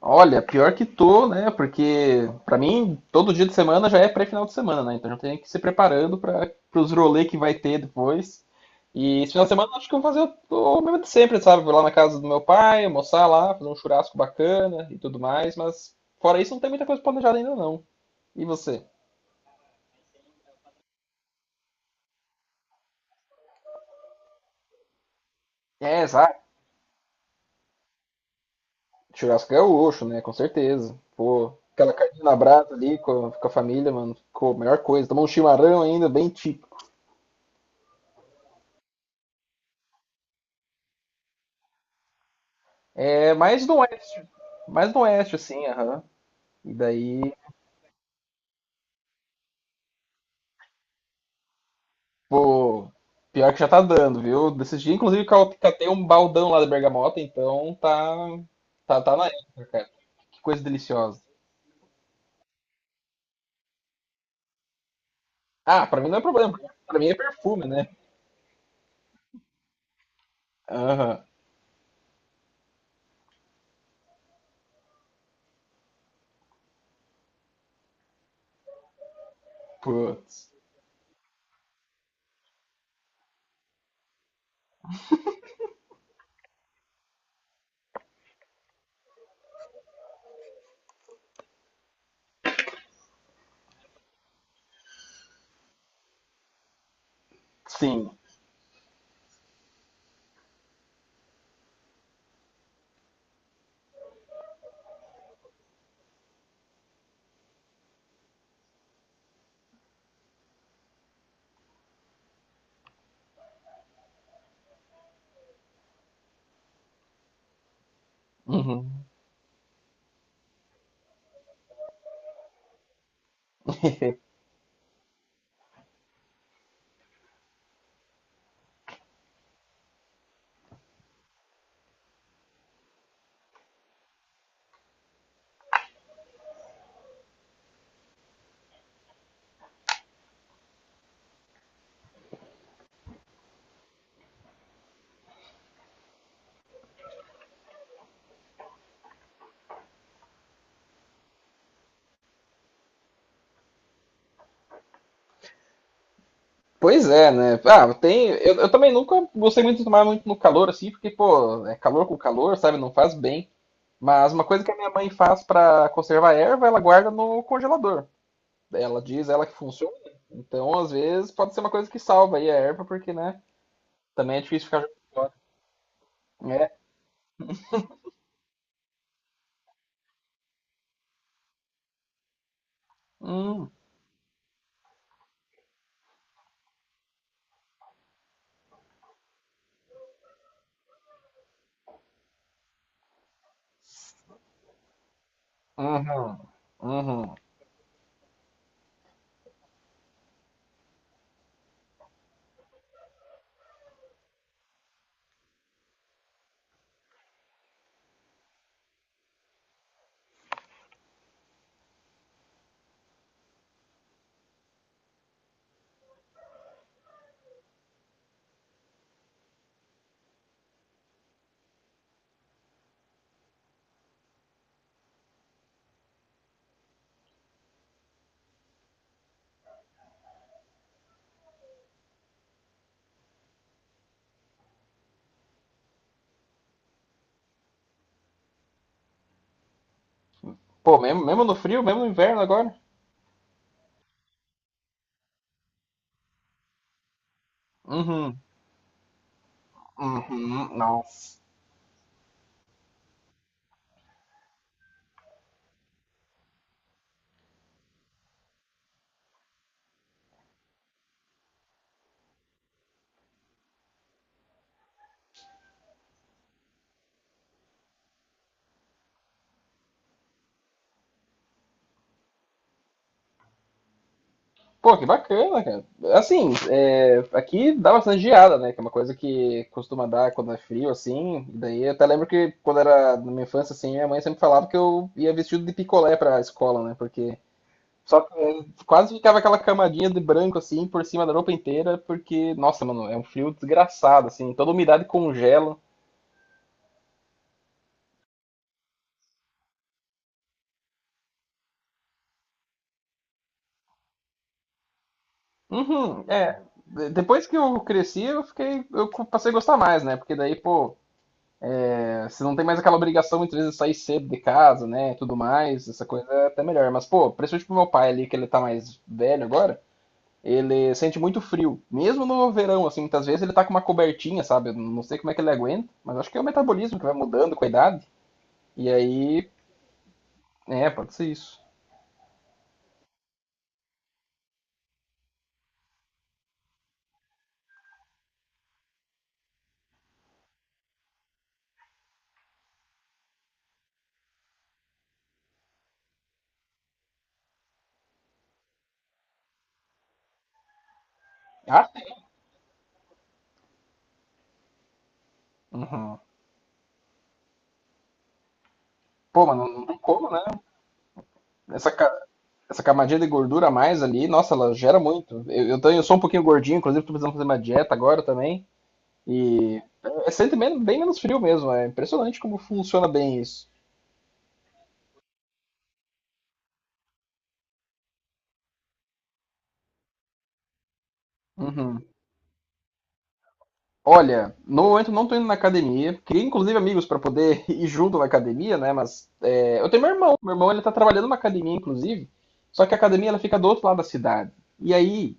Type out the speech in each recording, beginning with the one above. Olha, pior que tô, né? Porque pra mim todo dia de semana já é pré-final de semana, né? Então já tem que ir se preparando para os rolê que vai ter depois. E esse final de semana eu acho que eu vou fazer o mesmo de sempre, sabe? Vou lá na casa do meu pai, almoçar lá, fazer um churrasco bacana e tudo mais, mas fora isso não tem muita coisa planejada ainda não. E você? É, exato. Churrasco é gaúcho, né? Com certeza. Pô, aquela carninha na brasa ali com a família, mano, ficou a melhor coisa. Tomar um chimarrão ainda, bem. É mais no oeste. Mais no oeste, assim, aham. E daí, pô, pior que já tá dando, viu? Desses dias, inclusive, catei um baldão lá da Bergamota, então tá, tá na época, cara. Que coisa deliciosa. Ah, pra mim não é problema, porque pra mim é perfume, né? Aham, putz. Sim. Uhum. Pois é, né? Ah, tem. Eu também nunca gostei muito de tomar muito no calor, assim, porque, pô, é calor com calor, sabe? Não faz bem. Mas uma coisa que a minha mãe faz pra conservar a erva, ela guarda no congelador. Ela diz ela que funciona. Então, às vezes, pode ser uma coisa que salva aí a erva, porque, né? Também é difícil ficar. É. Hum, uhum, uhum. Pô, mesmo, mesmo no frio, mesmo no inverno agora? Uhum, uhum, nossa. Pô, que bacana, cara. Assim, é, aqui dá bastante geada, né? Que é uma coisa que costuma dar quando é frio, assim. Daí eu até lembro que quando era na minha infância, assim, minha mãe sempre falava que eu ia vestido de picolé pra escola, né? Porque só que, é, quase ficava aquela camadinha de branco assim por cima da roupa inteira, porque, nossa, mano, é um frio desgraçado, assim, toda umidade congela. Uhum, é. Depois que eu cresci, eu fiquei, eu passei a gostar mais, né? Porque daí, pô, é, você não tem mais aquela obrigação muitas vezes de sair cedo de casa, né? Tudo mais, essa coisa é até melhor. Mas, pô, principalmente pro meu pai ali, que ele tá mais velho agora, ele sente muito frio. Mesmo no verão, assim, muitas vezes ele tá com uma cobertinha, sabe? Eu não sei como é que ele aguenta, mas acho que é o metabolismo que vai mudando com a idade. E aí, é, pode ser isso. Ah, sim. Uhum. Pô, mas não, não tem como, né? Essa, ca- Essa camadinha de gordura a mais ali, nossa, ela gera muito. Eu sou um pouquinho gordinho, inclusive tô precisando fazer uma dieta agora também. E é, sente bem menos frio mesmo. É impressionante como funciona bem isso. Uhum. Olha, no momento não tô indo na academia. Queria inclusive amigos para poder ir junto na academia, né? Mas é, eu tenho meu irmão. Meu irmão ele tá trabalhando numa academia, inclusive. Só que a academia ela fica do outro lado da cidade. E aí,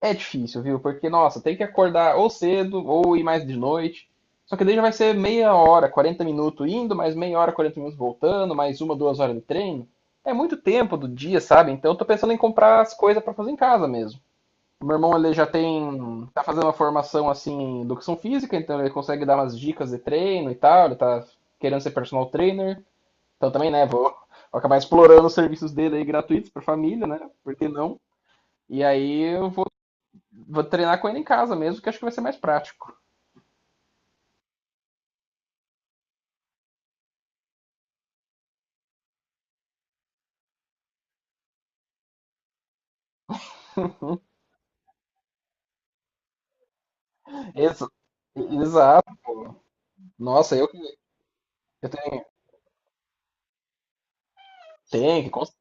é difícil, viu? Porque, nossa, tem que acordar ou cedo ou ir mais de noite. Só que daí já vai ser 30 min, 40 minutos indo, mais 30 min, 40 minutos voltando, mais uma, 2 horas de treino. É muito tempo do dia, sabe? Então eu tô pensando em comprar as coisas pra fazer em casa mesmo. O meu irmão ele já tem, tá fazendo uma formação assim em educação física, então ele consegue dar umas dicas de treino e tal, ele tá querendo ser personal trainer. Então também, né, vou, vou acabar explorando os serviços dele aí gratuitos pra família, né? Por que não? E aí eu vou treinar com ele em casa mesmo, que acho que vai ser mais prático. Exa- Exato. Nossa, eu que eu tenho. Tem, que cons-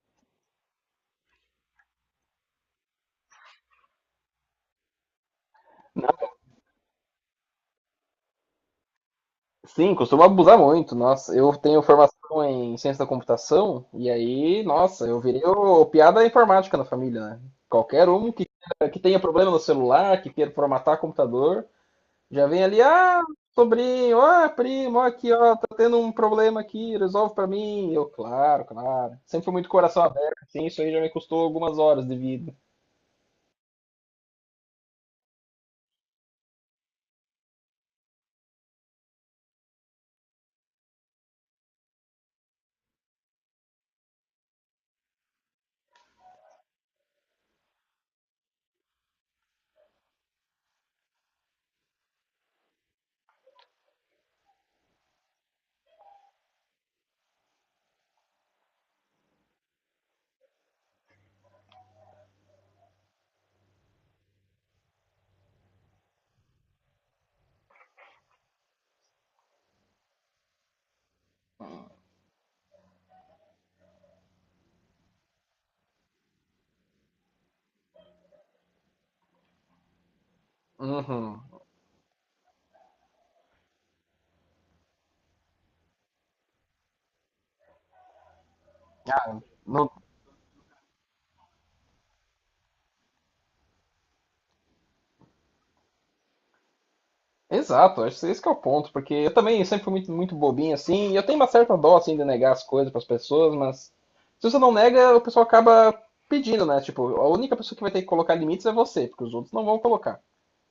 Sim, costumo abusar muito. Nossa, eu tenho formação em ciência da computação, e aí, nossa, eu virei o piada informática na família, né? Qualquer um que, que tenha problema no celular, que queira formatar computador, já vem ali, ah, sobrinho, ah, primo, ó aqui, ó, tá tendo um problema aqui, resolve pra mim. Eu, claro, claro. Sempre fui muito coração aberto, assim, isso aí já me custou algumas horas de vida. Uhum. Não- Exato, acho que esse que é o ponto, porque eu também sempre fui muito, muito bobinho assim, e eu tenho uma certa dó assim de negar as coisas para as pessoas, mas se você não nega, o pessoal acaba pedindo, né? Tipo, a única pessoa que vai ter que colocar limites é você, porque os outros não vão colocar.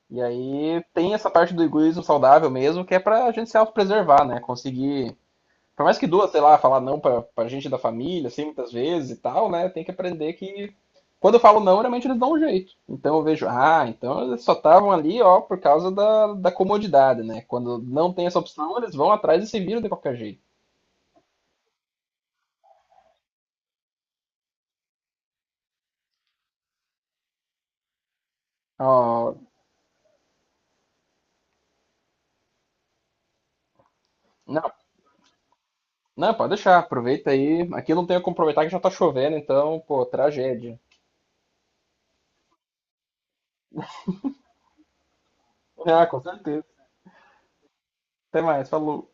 E aí tem essa parte do egoísmo saudável mesmo, que é pra gente se autopreservar, né? Conseguir. Por mais que duas, sei lá, falar não pra gente da família, assim, muitas vezes e tal, né? Tem que aprender que quando eu falo não, realmente eles dão um jeito. Então eu vejo, ah, então eles só estavam ali, ó, por causa da comodidade, né? Quando não tem essa opção, eles vão atrás e se viram de qualquer jeito. Ó, não, não, pode deixar, aproveita aí. Aqui não tem como aproveitar que já tá chovendo, então, pô, tragédia. Ah, com certeza. Até mais, falou.